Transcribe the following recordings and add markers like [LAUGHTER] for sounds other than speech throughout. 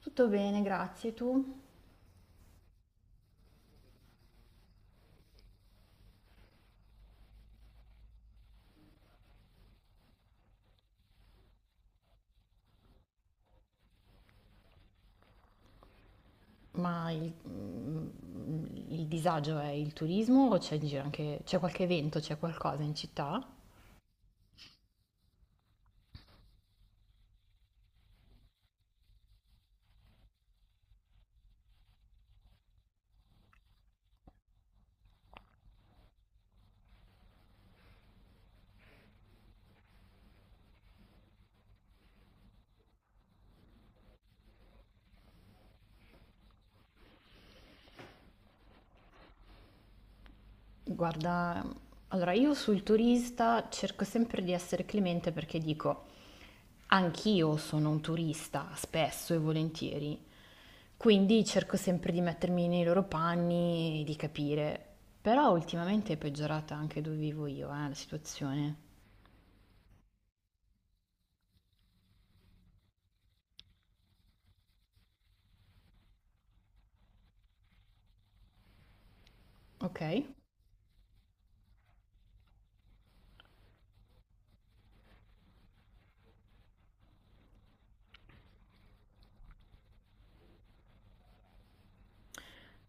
Tutto bene, grazie. Tu? Ma il disagio è il turismo o c'è in giro anche, c'è qualche evento, c'è qualcosa in città? Guarda, allora io sul turista cerco sempre di essere clemente perché dico, anch'io sono un turista spesso e volentieri, quindi cerco sempre di mettermi nei loro panni e di capire. Però ultimamente è peggiorata anche dove vivo io, la situazione. Ok?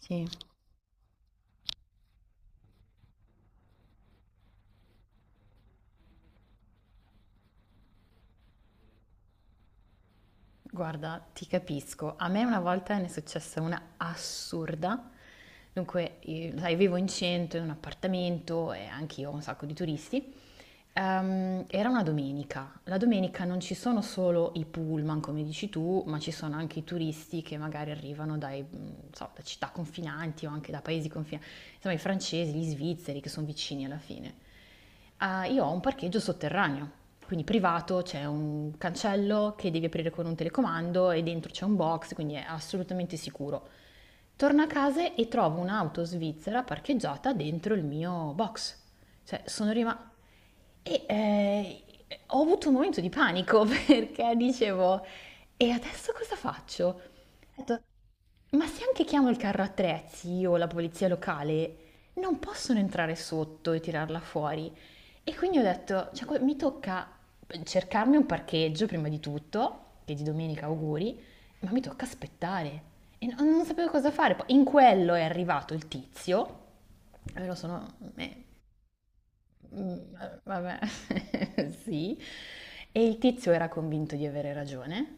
Sì. Guarda, ti capisco. A me una volta ne è successa una assurda. Dunque, io, sai, vivo in centro, in un appartamento e anche io ho un sacco di turisti. Era una domenica. La domenica non ci sono solo i pullman, come dici tu, ma ci sono anche i turisti che magari arrivano dai, non so, da città confinanti o anche da paesi confinanti. Insomma, i francesi, gli svizzeri che sono vicini alla fine. Ah, io ho un parcheggio sotterraneo, quindi privato, c'è un cancello che devi aprire con un telecomando e dentro c'è un box, quindi è assolutamente sicuro. Torno a casa e trovo un'auto svizzera parcheggiata dentro il mio box. Cioè, sono rimasta. E ho avuto un momento di panico [LAUGHS] perché dicevo, e adesso cosa faccio? Ho detto, ma se anche chiamo il carro attrezzi o la polizia locale, non possono entrare sotto e tirarla fuori. E quindi ho detto, cioè, mi tocca cercarmi un parcheggio prima di tutto, che di domenica auguri, ma mi tocca aspettare. E non sapevo cosa fare. Poi in quello è arrivato il tizio, e me lo sono, Mhmm, vabbè, [LAUGHS] sì. E il tizio era convinto di avere ragione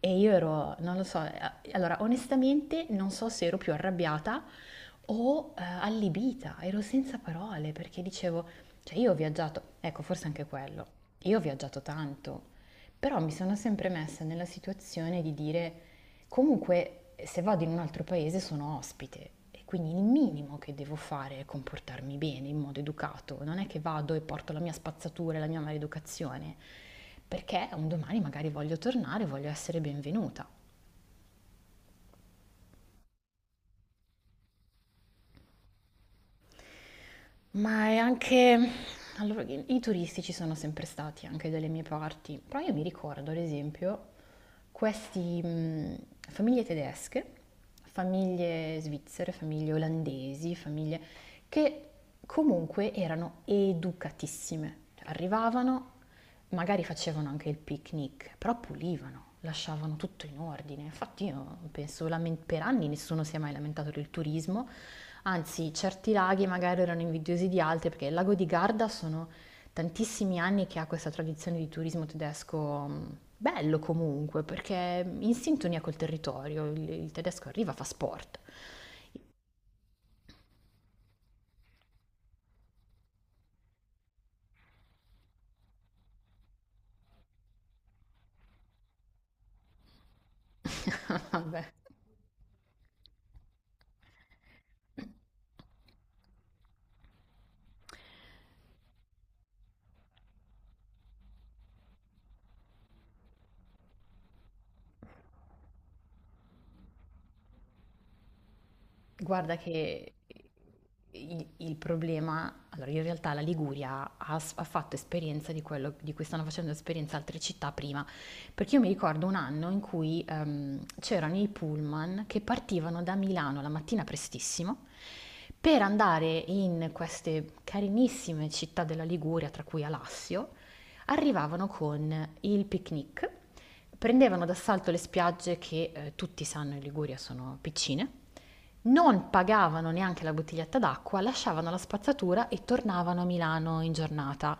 e io ero, non lo so, a allora onestamente non so se ero più arrabbiata o, allibita, ero senza parole perché dicevo, cioè, io ho viaggiato, ecco, forse anche quello, io ho viaggiato tanto, però mi sono sempre messa nella situazione di dire, comunque, se vado in un altro paese sono ospite e quindi il minimo che devo fare è comportarmi bene, in modo educato. Non è che vado e porto la mia spazzatura e la mia maleducazione, perché un domani magari voglio tornare, voglio essere benvenuta. Ma è anche. Allora, i turisti ci sono sempre stati anche dalle mie parti, però io mi ricordo, ad esempio, questi famiglie tedesche, famiglie svizzere, famiglie olandesi, famiglie che comunque erano educatissime. Cioè, arrivavano, magari facevano anche il picnic, però pulivano, lasciavano tutto in ordine. Infatti io penso, per anni nessuno si è mai lamentato del turismo, anzi certi laghi magari erano invidiosi di altri, perché il lago di Garda sono tantissimi anni che ha questa tradizione di turismo tedesco bello comunque, perché in sintonia col territorio, il tedesco arriva, fa sport. [LAUGHS] Vabbè. Guarda che il problema, allora in realtà la Liguria ha, ha fatto esperienza di quello di cui stanno facendo esperienza altre città prima, perché io mi ricordo un anno in cui c'erano i pullman che partivano da Milano la mattina prestissimo per andare in queste carinissime città della Liguria, tra cui Alassio, arrivavano con il picnic, prendevano d'assalto le spiagge che, tutti sanno, in Liguria sono piccine, non pagavano neanche la bottiglietta d'acqua, lasciavano la spazzatura e tornavano a Milano in giornata.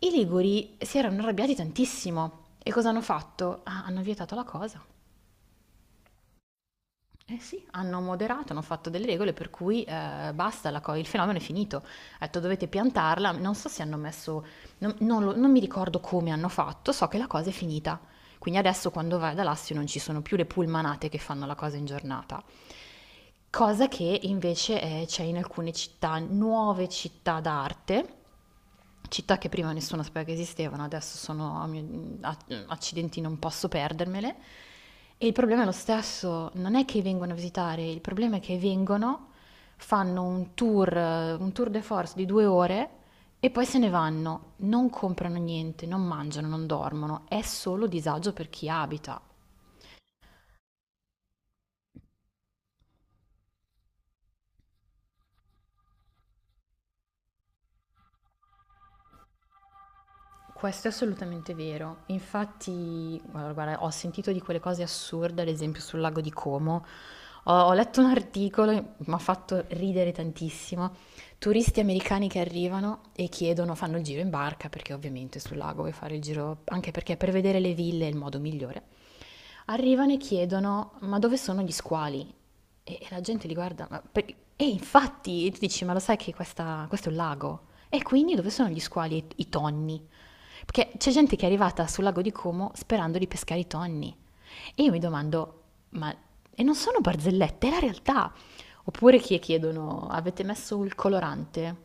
I liguri si erano arrabbiati tantissimo e cosa hanno fatto? Ah, hanno vietato la cosa. Eh sì, hanno moderato, hanno fatto delle regole per cui, basta, il fenomeno è finito. Ha detto dovete piantarla, non so se hanno messo, non mi ricordo come hanno fatto, so che la cosa è finita. Quindi adesso quando vai da Lassio non ci sono più le pullmanate che fanno la cosa in giornata, cosa che invece c'è in alcune città, nuove città d'arte, città che prima nessuno sapeva che esistevano, adesso sono accidenti, non posso perdermele. E il problema è lo stesso, non è che vengono a visitare, il problema è che vengono, fanno un tour de force di 2 ore e poi se ne vanno, non comprano niente, non mangiano, non dormono, è solo disagio per chi abita. Questo è assolutamente vero. Infatti, guarda, guarda, ho sentito di quelle cose assurde, ad esempio sul lago di Como. Ho letto un articolo, mi ha fatto ridere tantissimo. Turisti americani che arrivano e chiedono, fanno il giro in barca, perché ovviamente sul lago vuoi fare il giro, anche perché per vedere le ville è il modo migliore. Arrivano e chiedono, ma dove sono gli squali? E la gente li guarda. E infatti, e tu dici, ma lo sai che questo è un lago? E quindi dove sono gli squali e i tonni? Perché c'è gente che è arrivata sul lago di Como sperando di pescare i tonni. E io mi domando, ma e non sono barzellette, è la realtà. Oppure chi chiedono, avete messo il colorante?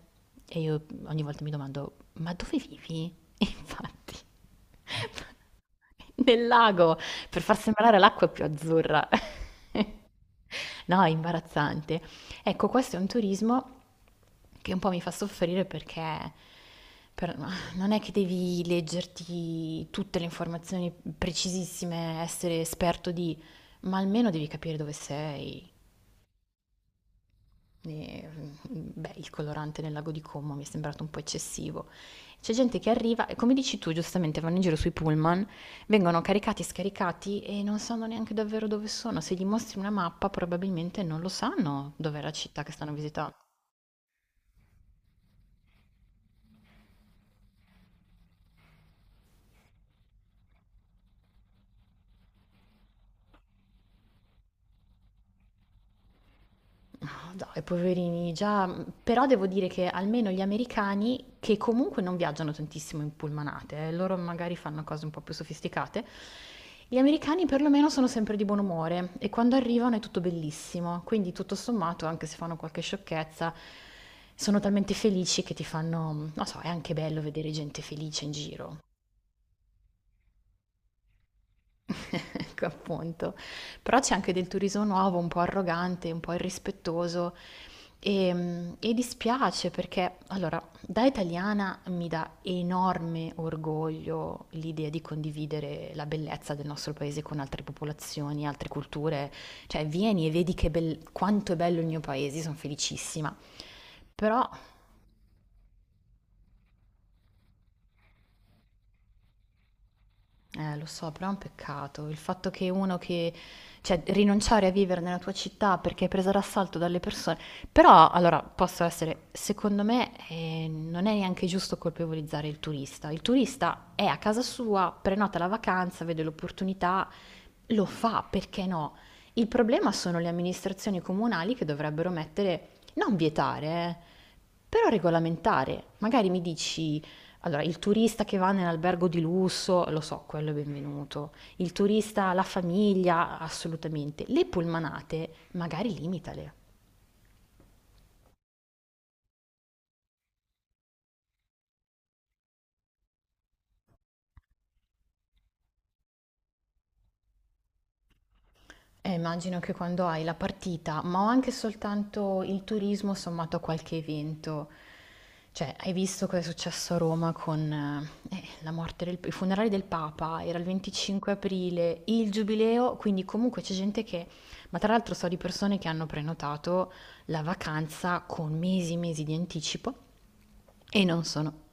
E io ogni volta mi domando, ma dove vivi? [LAUGHS] E infatti, [LAUGHS] nel lago, per far sembrare l'acqua più azzurra. [LAUGHS] No, è imbarazzante. Ecco, questo è un turismo che un po' mi fa soffrire perché, per- non è che devi leggerti tutte le informazioni precisissime, essere esperto di, ma almeno devi capire dove sei. E, beh, il colorante nel lago di Como mi è sembrato un po' eccessivo. C'è gente che arriva e, come dici tu, giustamente, vanno in giro sui pullman, vengono caricati e scaricati e non sanno neanche davvero dove sono. Se gli mostri una mappa, probabilmente non lo sanno dov'è la città che stanno visitando. No, dai, poverini, già, però devo dire che almeno gli americani, che comunque non viaggiano tantissimo in pullmanate, loro magari fanno cose un po' più sofisticate, gli americani perlomeno sono sempre di buon umore e quando arrivano è tutto bellissimo, quindi tutto sommato, anche se fanno qualche sciocchezza, sono talmente felici che ti fanno, non so, è anche bello vedere gente felice in giro. [LAUGHS] Ecco, appunto. Però c'è anche del turismo nuovo, un po' arrogante, un po' irrispettoso e dispiace perché, allora, da italiana mi dà enorme orgoglio l'idea di condividere la bellezza del nostro paese con altre popolazioni, altre culture. Cioè, vieni e vedi che quanto è bello il mio paese, sono felicissima. Però. Lo so, però è un peccato il fatto che uno che, cioè, rinunciare a vivere nella tua città perché è presa d'assalto dalle persone. Però, allora, posso essere, secondo me, non è neanche giusto colpevolizzare il turista. Il turista è a casa sua, prenota la vacanza, vede l'opportunità, lo fa, perché no? Il problema sono le amministrazioni comunali che dovrebbero mettere, non vietare, però regolamentare. Magari mi dici, allora, il turista che va nell'albergo di lusso, lo so, quello è benvenuto. Il turista, la famiglia, assolutamente. Le pullmanate, magari limitale. Immagino che quando hai la partita, ma ho anche soltanto il turismo sommato a qualche evento, cioè hai visto cosa è successo a Roma con la morte i funerali del Papa, era il 25 aprile, il giubileo, quindi comunque c'è gente che, ma tra l'altro so di persone che hanno prenotato la vacanza con mesi e mesi di anticipo e non sono.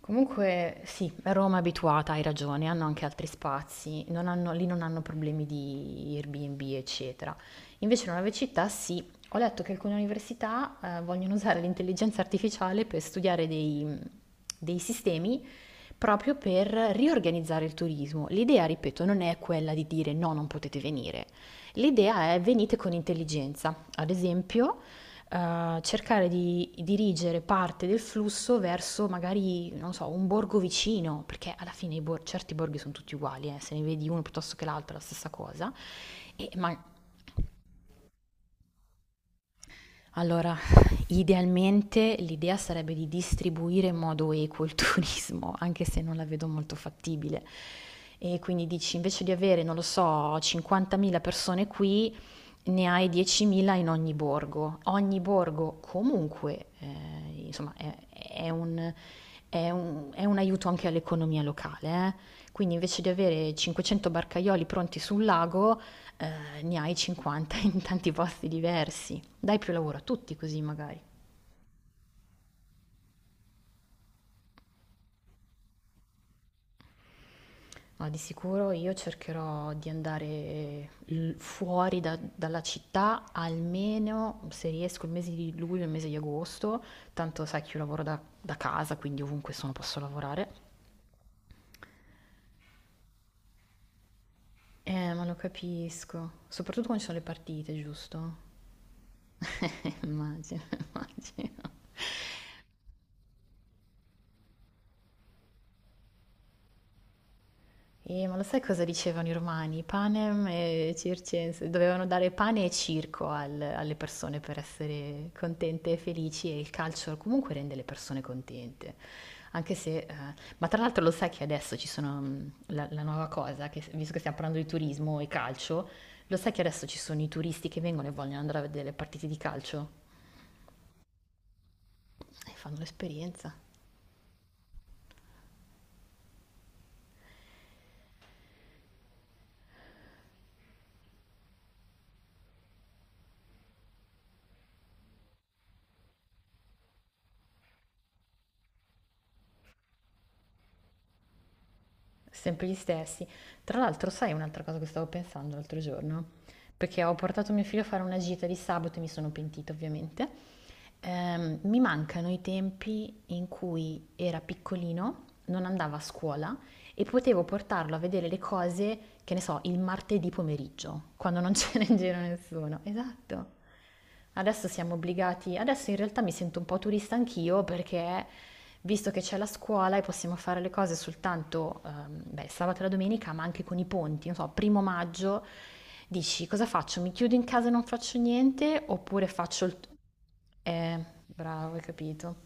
Comunque sì, Roma è abituata, hai ragione, hanno anche altri spazi, non hanno- lì non hanno problemi di Airbnb, eccetera. Invece in nuove città sì, ho letto che alcune università vogliono usare l'intelligenza artificiale per studiare dei, sistemi proprio per riorganizzare il turismo. L'idea, ripeto, non è quella di dire no, non potete venire. L'idea è, venite con intelligenza. Ad esempio, cercare di dirigere parte del flusso verso magari, non so, un borgo vicino, perché alla fine certi borghi sono tutti uguali, se ne vedi uno piuttosto che l'altro è la stessa cosa. E allora, idealmente l'idea sarebbe di distribuire in modo equo il [LAUGHS] turismo, anche se non la vedo molto fattibile. E quindi dici, invece di avere, non lo so, 50.000 persone qui, ne hai 10.000 in ogni borgo. Ogni borgo comunque, insomma, è un, è un aiuto anche all'economia locale. eh. Quindi invece di avere 500 barcaioli pronti sul lago, ne hai 50 in tanti posti diversi. Dai più lavoro a tutti così magari. Ma di sicuro io cercherò di andare fuori dalla città almeno se riesco il mese di luglio e il mese di agosto, tanto sai che io lavoro da casa, quindi ovunque sono posso lavorare. Ma lo capisco, soprattutto quando ci sono le partite, giusto? [LAUGHS] Immagino, immagino. Ma lo sai cosa dicevano i romani? Panem e circenses. Dovevano dare pane e circo alle persone per essere contente e felici e il calcio comunque rende le persone contente. Anche se. Ma tra l'altro lo sai che adesso ci sono la nuova cosa, che, visto che stiamo parlando di turismo e calcio, lo sai che adesso ci sono i turisti che vengono e vogliono andare a vedere le partite di calcio? E fanno l'esperienza. Sempre gli stessi. Tra l'altro, sai un'altra cosa che stavo pensando l'altro giorno? Perché ho portato mio figlio a fare una gita di sabato e mi sono pentita, ovviamente. Mi mancano i tempi in cui era piccolino, non andava a scuola e potevo portarlo a vedere le cose, che ne so, il martedì pomeriggio, quando non [LAUGHS] c'era in giro nessuno. Esatto. Adesso siamo obbligati, adesso in realtà mi sento un po' turista anch'io perché, visto che c'è la scuola e possiamo fare le cose soltanto, beh, sabato e la domenica, ma anche con i ponti, non so, primo maggio, dici, cosa faccio? Mi chiudo in casa e non faccio niente oppure faccio il. Eh, bravo, hai capito.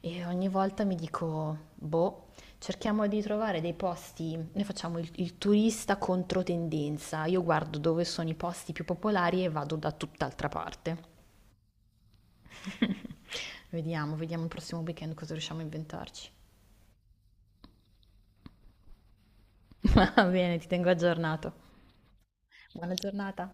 E ogni volta mi dico, boh, cerchiamo di trovare dei posti, noi facciamo il turista contro tendenza, io guardo dove sono i posti più popolari e vado da tutt'altra parte. [LAUGHS] Vediamo, vediamo il prossimo weekend cosa riusciamo a inventarci. [LAUGHS] Va bene, ti tengo aggiornato. Buona giornata.